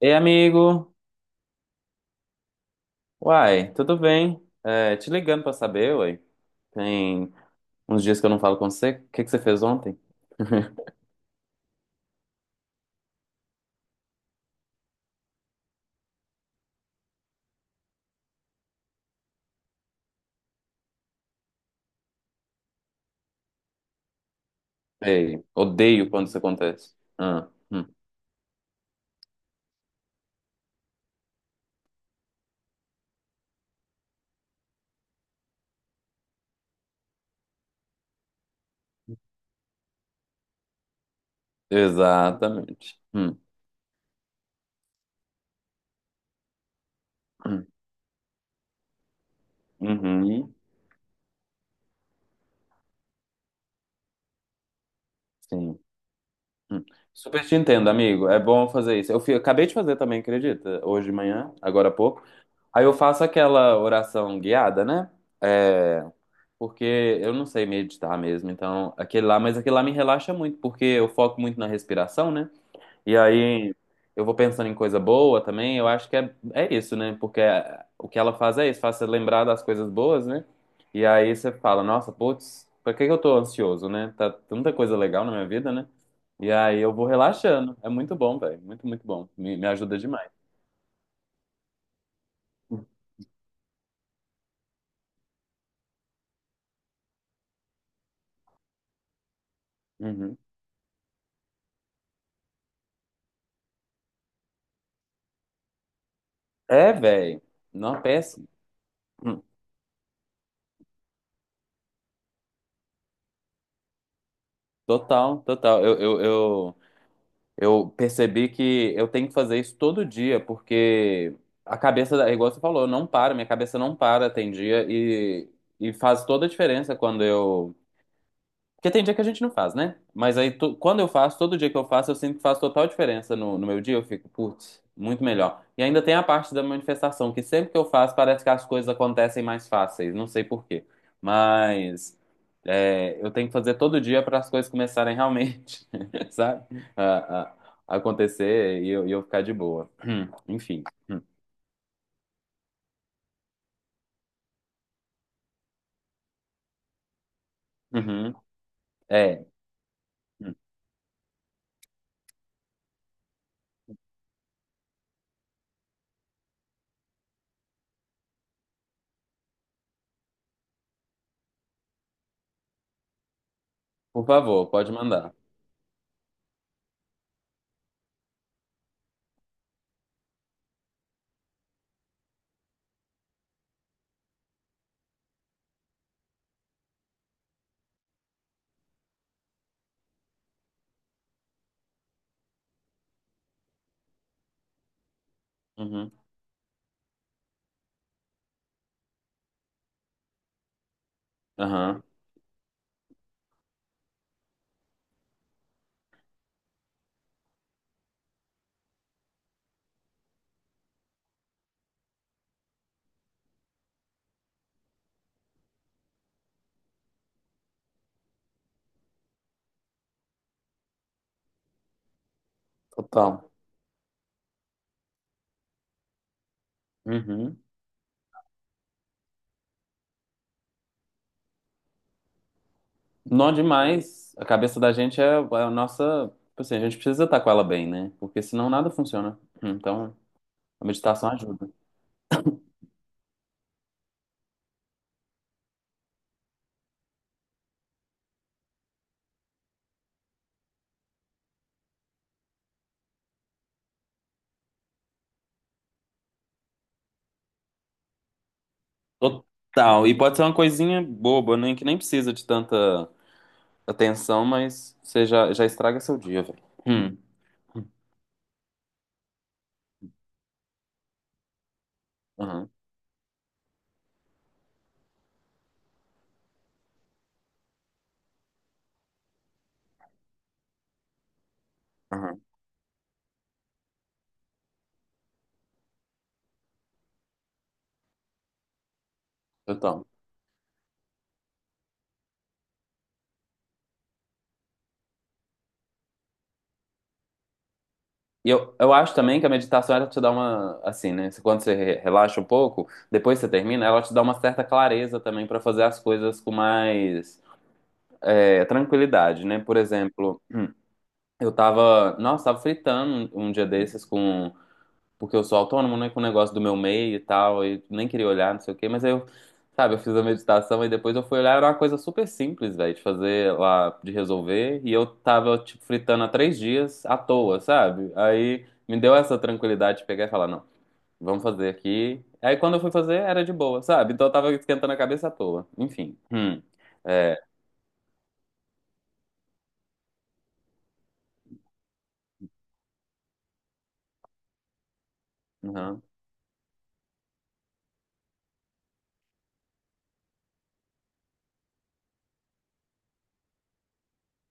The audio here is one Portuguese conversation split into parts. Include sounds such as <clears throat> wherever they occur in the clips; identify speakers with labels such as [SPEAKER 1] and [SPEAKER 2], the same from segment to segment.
[SPEAKER 1] Ei, amigo. Uai, tudo bem? É, te ligando pra saber, uai. Tem uns dias que eu não falo com você. O que que você fez ontem? <laughs> Ei, odeio quando isso acontece. Ah. Exatamente. Hum. Uhum. Sim. Hum. Super te entendo, amigo. É bom fazer isso. Acabei de fazer também, acredita? Hoje de manhã, agora há pouco. Aí eu faço aquela oração guiada, né? É, Porque eu não sei meditar mesmo, então aquele lá, mas aquele lá me relaxa muito, porque eu foco muito na respiração, né? E aí eu vou pensando em coisa boa também, eu acho que é isso, né? O que ela faz é isso, faz você lembrar das coisas boas, né? E aí você fala, nossa, putz, pra que que eu tô ansioso, né? Tá tanta coisa legal na minha vida, né? E aí eu vou relaxando, é muito bom, velho, muito, muito bom, me ajuda demais. Uhum. É, velho, não, é péssimo. Hum. Total, total. Eu percebi que eu tenho que fazer isso todo dia, porque a cabeça, igual você falou, não para, minha cabeça não para, tem dia, e faz toda a diferença quando eu porque tem dia que a gente não faz, né? Mas aí, quando eu faço, todo dia que eu faço, eu sinto que faz total diferença no meu dia. Eu fico, putz, muito melhor. E ainda tem a parte da manifestação, que sempre que eu faço, parece que as coisas acontecem mais fáceis. Não sei por quê. Mas é, eu tenho que fazer todo dia para as coisas começarem realmente, <laughs> sabe? A, a- a acontecer e eu ficar de boa. <clears throat> Enfim. Hum. Uhum. É. Hum. Por favor, pode mandar. Uhum. Aham. Total. Uhum. Nó demais. A cabeça da gente é, é a nossa. Tipo assim, a gente precisa estar com ela bem, né? Porque senão nada funciona. Então, a meditação ajuda. Total. E pode ser uma coisinha boba, né? Que nem precisa de tanta atenção, mas você já, já estraga seu dia, velho. Hum. Aham, aham. Total. E eu acho também que a meditação ela te dá uma. Assim, né? Quando você relaxa um pouco, depois você termina, ela te dá uma certa clareza também pra fazer as coisas com mais é, tranquilidade, né? Por exemplo. Eu tava, nossa, tava fritando um dia desses com, porque eu sou autônomo, né, com o negócio do meu meio e tal, e nem queria olhar, não sei o quê, mas aí eu, sabe, eu fiz a meditação e depois eu fui olhar, era uma coisa super simples, velho, de fazer lá, de resolver, e eu tava, tipo, fritando há 3 dias à toa, sabe? Aí me deu essa tranquilidade de pegar e falar, não, vamos fazer aqui. Aí quando eu fui fazer, era de boa, sabe? Então eu tava esquentando a cabeça à toa. Enfim. Hum. É.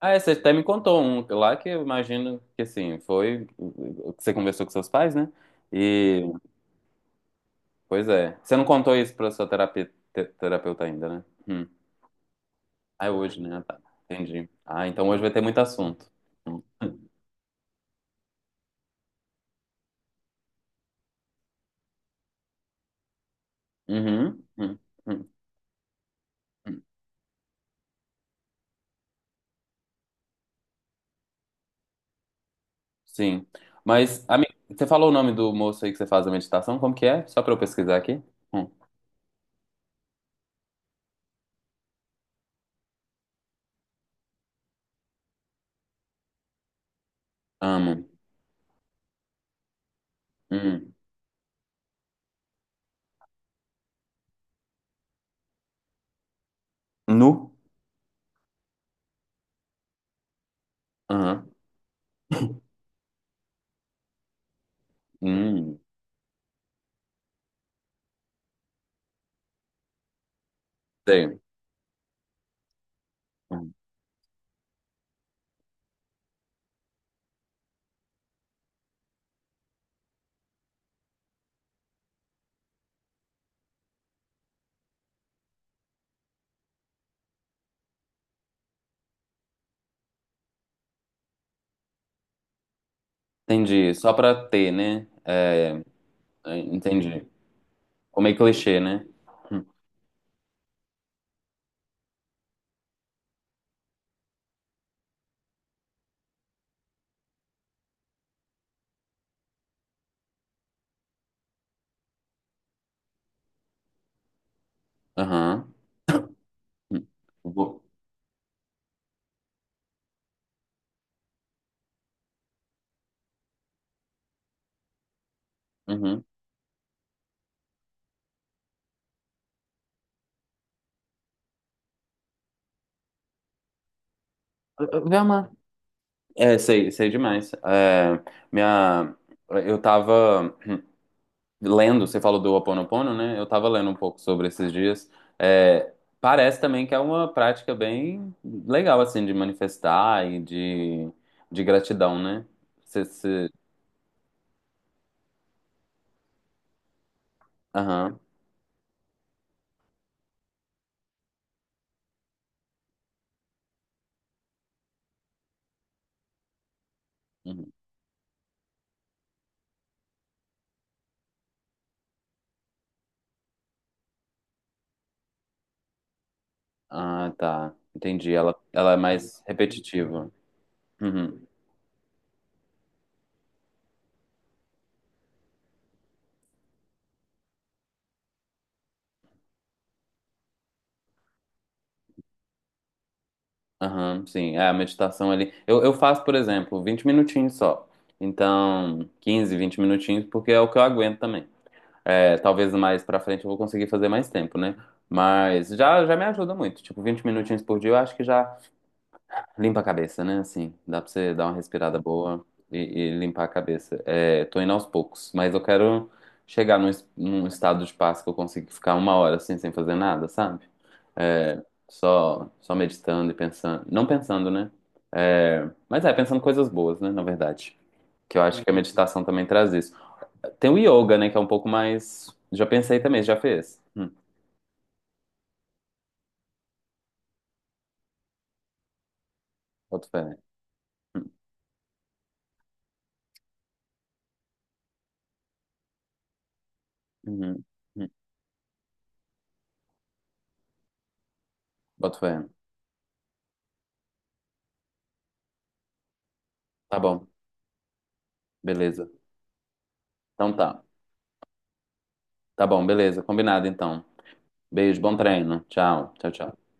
[SPEAKER 1] Ah, é, você até me contou um lá que eu imagino que assim, foi o que você conversou com seus pais, né? E, pois é. Você não contou isso pra sua terapeuta ainda, né? Hum. Ah, é hoje, né? Ah, tá. Entendi. Ah, então hoje vai ter muito assunto. Hum. Uhum. Hum. Hum. Hum. Sim. Mas, amigo, você falou o nome do moço aí que você faz a meditação? Como que é? Só pra eu pesquisar aqui. Hum. Amo. Hum. Nu? Aham. Hum. Sei. Hum. Entendi. Só pra ter, né? É. É, entendi. Comer clichê, né? Hum. Aham. Hum. vou- Uhum. Velma. É, sei, sei demais. É, minha, eu tava lendo, você falou do Ho Oponopono, né? Eu tava lendo um pouco sobre esses dias. É, parece também que é uma prática bem legal, assim, de manifestar e de gratidão, né? Você, você... Aham. Uhum. Ah, tá. Entendi. Ela é mais repetitiva. Uhum. Aham, sim, é a meditação ali. Eu faço, por exemplo, 20 minutinhos só. Então, 15 20 minutinhos, porque é o que eu aguento também. É, talvez mais pra frente eu vou conseguir fazer mais tempo, né? Mas já, já me ajuda muito. Tipo, 20 minutinhos por dia eu acho que já limpa a cabeça, né? Assim, dá pra você dar uma respirada boa e limpar a cabeça. É, tô indo aos poucos, mas eu quero chegar num, num estado de paz que eu consiga ficar uma hora assim, sem fazer nada, sabe? É, só, só meditando e pensando. Não pensando, né? É, mas é, pensando coisas boas, né? Na verdade. Que eu acho que a meditação também traz isso. Tem o yoga, né? Que é um pouco mais. Já pensei também, já fez. Boto fé. Uhum, uhum, boto fé. Tá bom, beleza. Então tá. Tá bom, beleza. Combinado então. Beijo, bom treino. Tchau, tchau, tchau.